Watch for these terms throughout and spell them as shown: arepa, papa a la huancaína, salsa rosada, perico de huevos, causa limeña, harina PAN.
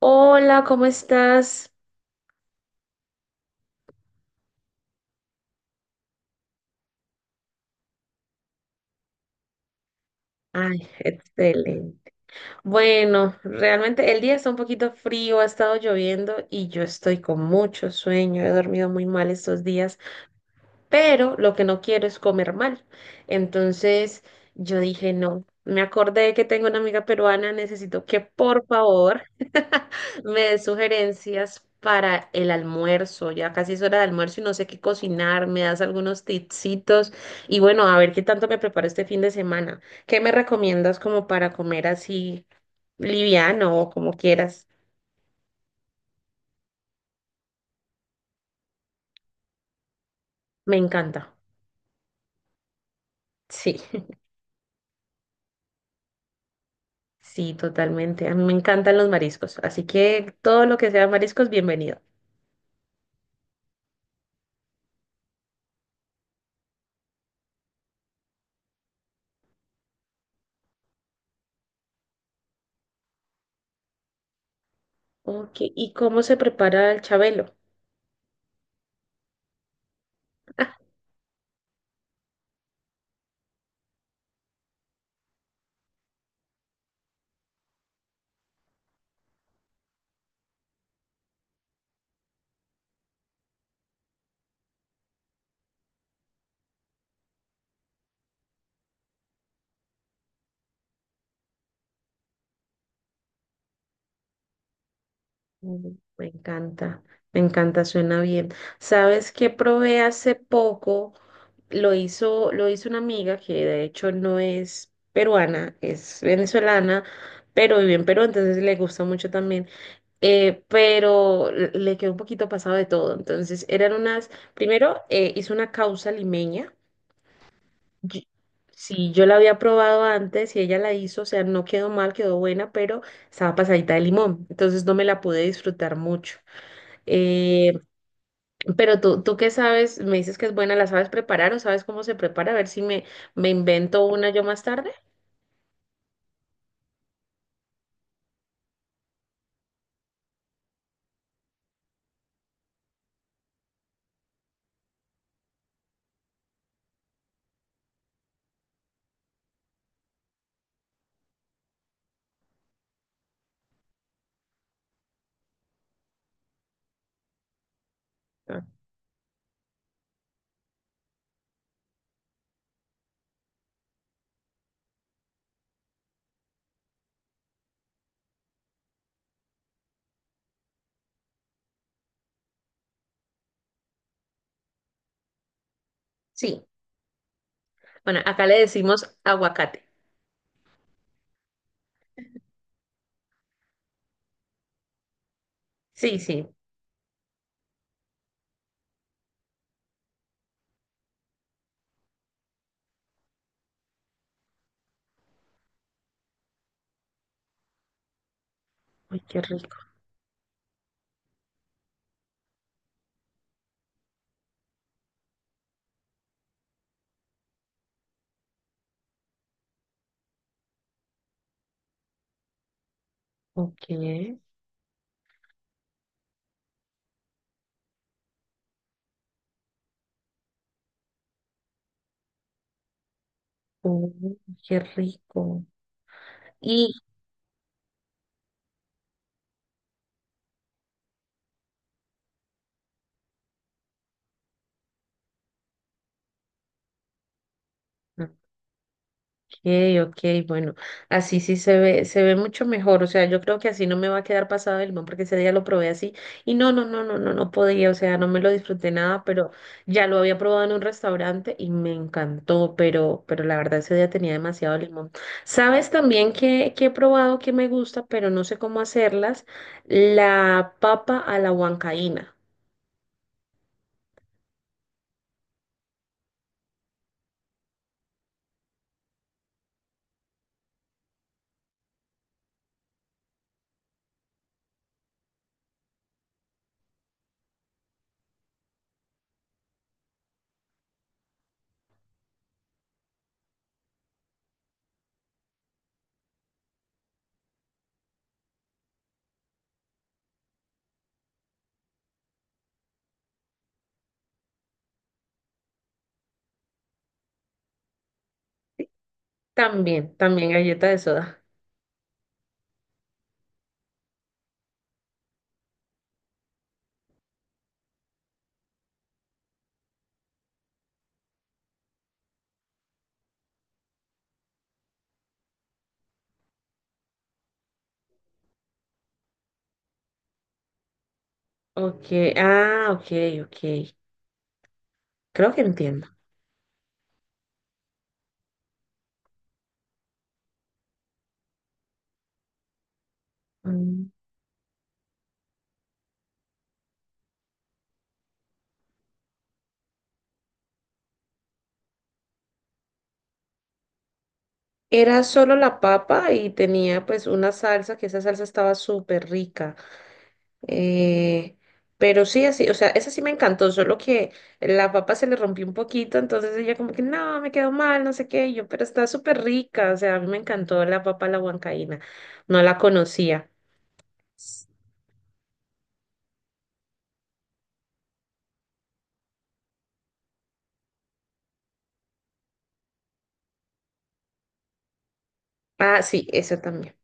Hola, ¿cómo estás? Ay, excelente. Bueno, realmente el día está un poquito frío, ha estado lloviendo y yo estoy con mucho sueño. He dormido muy mal estos días, pero lo que no quiero es comer mal. Entonces, yo dije, no, me acordé que tengo una amiga peruana, necesito que por favor me dé sugerencias para el almuerzo. Ya casi es hora de almuerzo y no sé qué cocinar, me das algunos tipsitos y bueno, a ver qué tanto me preparo este fin de semana. ¿Qué me recomiendas como para comer así liviano o como quieras? Me encanta. Sí. Sí, totalmente. A mí me encantan los mariscos, así que todo lo que sea mariscos, bienvenido. Ok, ¿y cómo se prepara el chabelo? Ah, mm, me encanta, me encanta, suena bien. ¿Sabes qué probé hace poco? Lo hizo una amiga que de hecho no es peruana, es venezolana, pero vive en Perú, entonces le gusta mucho también. Pero le quedó un poquito pasado de todo. Entonces eran unas, primero hizo una causa limeña. yo- sí, yo la había probado antes y ella la hizo, o sea, no quedó mal, quedó buena, pero estaba pasadita de limón, entonces no me la pude disfrutar mucho. Eh, pero tú qué sabes, me dices que es buena, ¿la sabes preparar o sabes cómo se prepara? A ver si me, me invento una yo más tarde. Ah, sí, bueno, acá le decimos aguacate. Sí, sí. Uy, qué rico. Ok. Uy, qué rico. Y, okay, okay, bueno, así sí se ve mucho mejor, o sea, yo creo que así no me va a quedar pasado del limón porque ese día lo probé así y no, no, no, no, no, no podía, o sea, no me lo disfruté nada, pero ya lo había probado en un restaurante y me encantó, pero la verdad ese día tenía demasiado limón. ¿Sabes también que he probado que me gusta, pero no sé cómo hacerlas? La papa a la huancaína. También, también galleta de soda. Okay, ah, ok, ok, creo que entiendo. Mm. Era solo la papa y tenía pues una salsa, que esa salsa estaba súper rica. Eh, pero sí, así, o sea, esa sí me encantó, solo que la papa se le rompió un poquito, entonces ella como que, no, me quedó mal, no sé qué, y yo, pero está súper rica, o sea, a mí me encantó la papa a la huancaína, no la conocía. Ah, sí, eso también.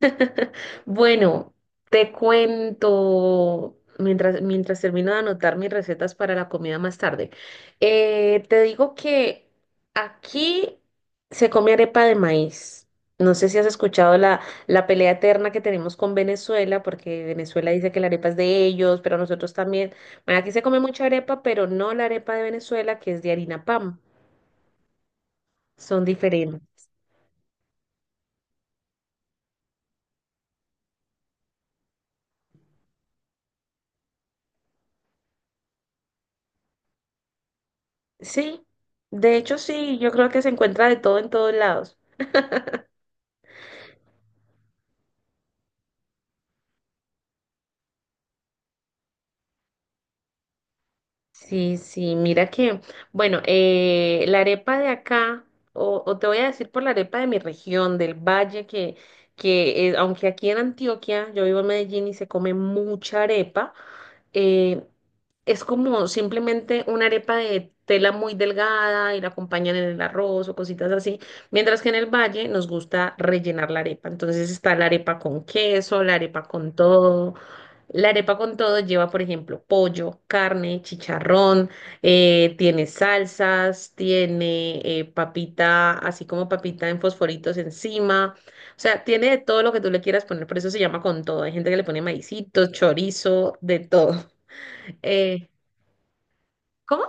Bueno, te cuento mientras termino de anotar mis recetas para la comida más tarde. Te digo que aquí se come arepa de maíz. No sé si has escuchado la pelea eterna que tenemos con Venezuela, porque Venezuela dice que la arepa es de ellos, pero nosotros también. Bueno, aquí se come mucha arepa, pero no la arepa de Venezuela, que es de harina PAN. Son diferentes. Sí, de hecho sí, yo creo que se encuentra de todo en todos lados. Sí, sí, mira que, bueno, la arepa de acá, o te voy a decir por la arepa de mi región, del valle, que aunque aquí en Antioquia, yo vivo en Medellín y se come mucha arepa, eh, es como simplemente una arepa de tela muy delgada y la acompañan en el arroz o cositas así, mientras que en el valle nos gusta rellenar la arepa. Entonces está la arepa con queso, la arepa con todo. La arepa con todo lleva, por ejemplo, pollo, carne, chicharrón, tiene salsas, tiene papita, así como papita en fosforitos encima. O sea, tiene de todo lo que tú le quieras poner, por eso se llama con todo. Hay gente que le pone maicitos, chorizo, de todo. Eh, ¿Cómo?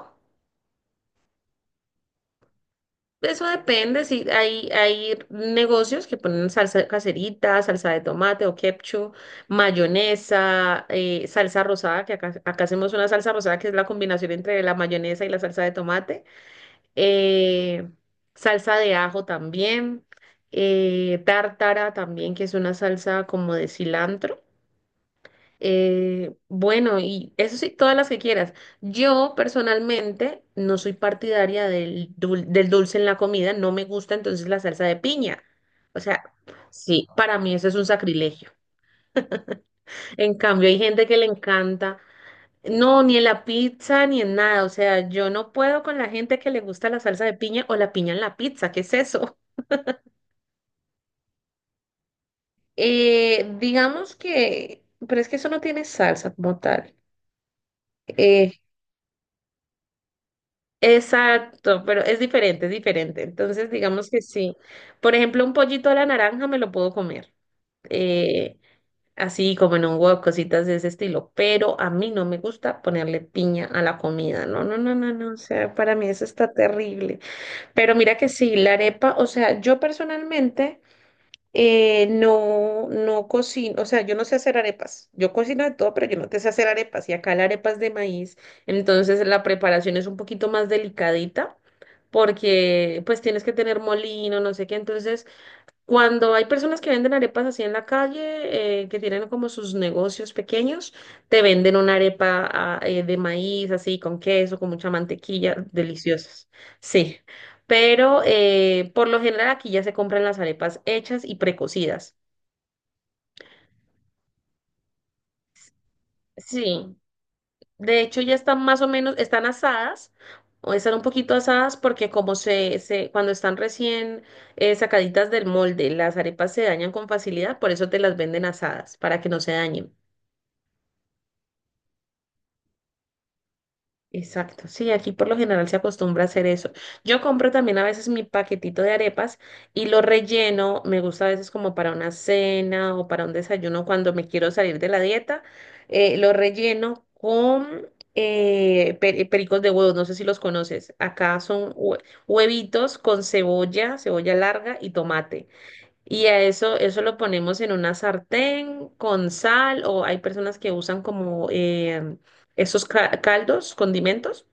Eso depende, si hay, hay negocios que ponen salsa caserita, salsa de tomate o ketchup, mayonesa, salsa rosada, que acá hacemos una salsa rosada que es la combinación entre la mayonesa y la salsa de tomate, eh, salsa de ajo también, tártara también, que es una salsa como de cilantro. Bueno, y eso sí, todas las que quieras. Yo personalmente no soy partidaria del dulce en la comida, no me gusta entonces la salsa de piña. O sea, sí, para mí eso es un sacrilegio. En cambio, hay gente que le encanta, no, ni en la pizza ni en nada. O sea, yo no puedo con la gente que le gusta la salsa de piña o la piña en la pizza, ¿qué es eso? Eh, digamos que, pero es que eso no tiene salsa como tal. Eh, Exacto, pero es diferente, es diferente. Entonces, digamos que sí. Por ejemplo, un pollito a la naranja me lo puedo comer, eh, así como en un huevo, cositas de ese estilo. Pero a mí no me gusta ponerle piña a la comida. No, no, no, no, no. O sea, para mí eso está terrible. Pero mira que sí, la arepa, o sea, yo personalmente. No, no cocino, o sea, yo no sé hacer arepas. Yo cocino de todo, pero yo no te sé hacer arepas. Y acá la arepa es de maíz, entonces la preparación es un poquito más delicadita porque pues tienes que tener molino, no sé qué. Entonces cuando hay personas que venden arepas así en la calle, que tienen como sus negocios pequeños, te venden una arepa de maíz, así con queso, con mucha mantequilla, deliciosas. Sí, por lo general aquí ya se compran las arepas hechas y precocidas. Sí, de hecho ya están más o menos, están asadas, o están un poquito asadas porque se cuando están recién sacaditas del molde, las arepas se dañan con facilidad, por eso te las venden asadas, para que no se dañen. Exacto, sí, aquí por lo general se acostumbra a hacer eso. Yo compro también a veces mi paquetito de arepas y lo relleno, me gusta a veces como para una cena o para un desayuno cuando me quiero salir de la dieta, lo relleno con pericos de huevos, no sé si los conoces, acá son huevitos con cebolla, cebolla larga y tomate. Y a eso, eso lo ponemos en una sartén con sal o hay personas que usan como esos caldos, condimentos,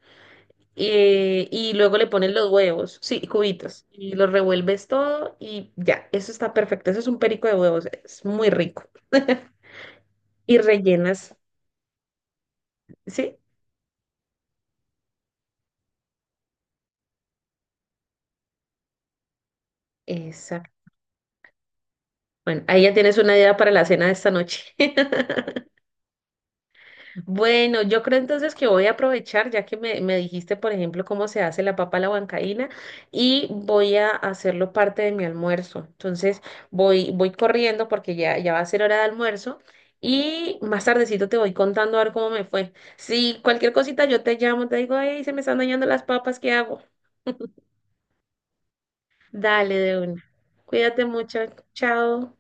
y luego le ponen los huevos, sí, cubitos, y los revuelves todo y ya, eso está perfecto. Eso es un perico de huevos, es muy rico. Y rellenas, ¿sí? Exacto. Bueno, ahí ya tienes una idea para la cena de esta noche. Bueno, yo creo entonces que voy a aprovechar, ya que me dijiste, por ejemplo, cómo se hace la papa a la huancaína, y voy a hacerlo parte de mi almuerzo. Entonces, voy corriendo porque ya va a ser hora de almuerzo, y más tardecito te voy contando a ver cómo me fue. Si cualquier cosita yo te llamo, te digo, hey, se me están dañando las papas, ¿qué hago? Dale de una. Cuídate mucho. Chao.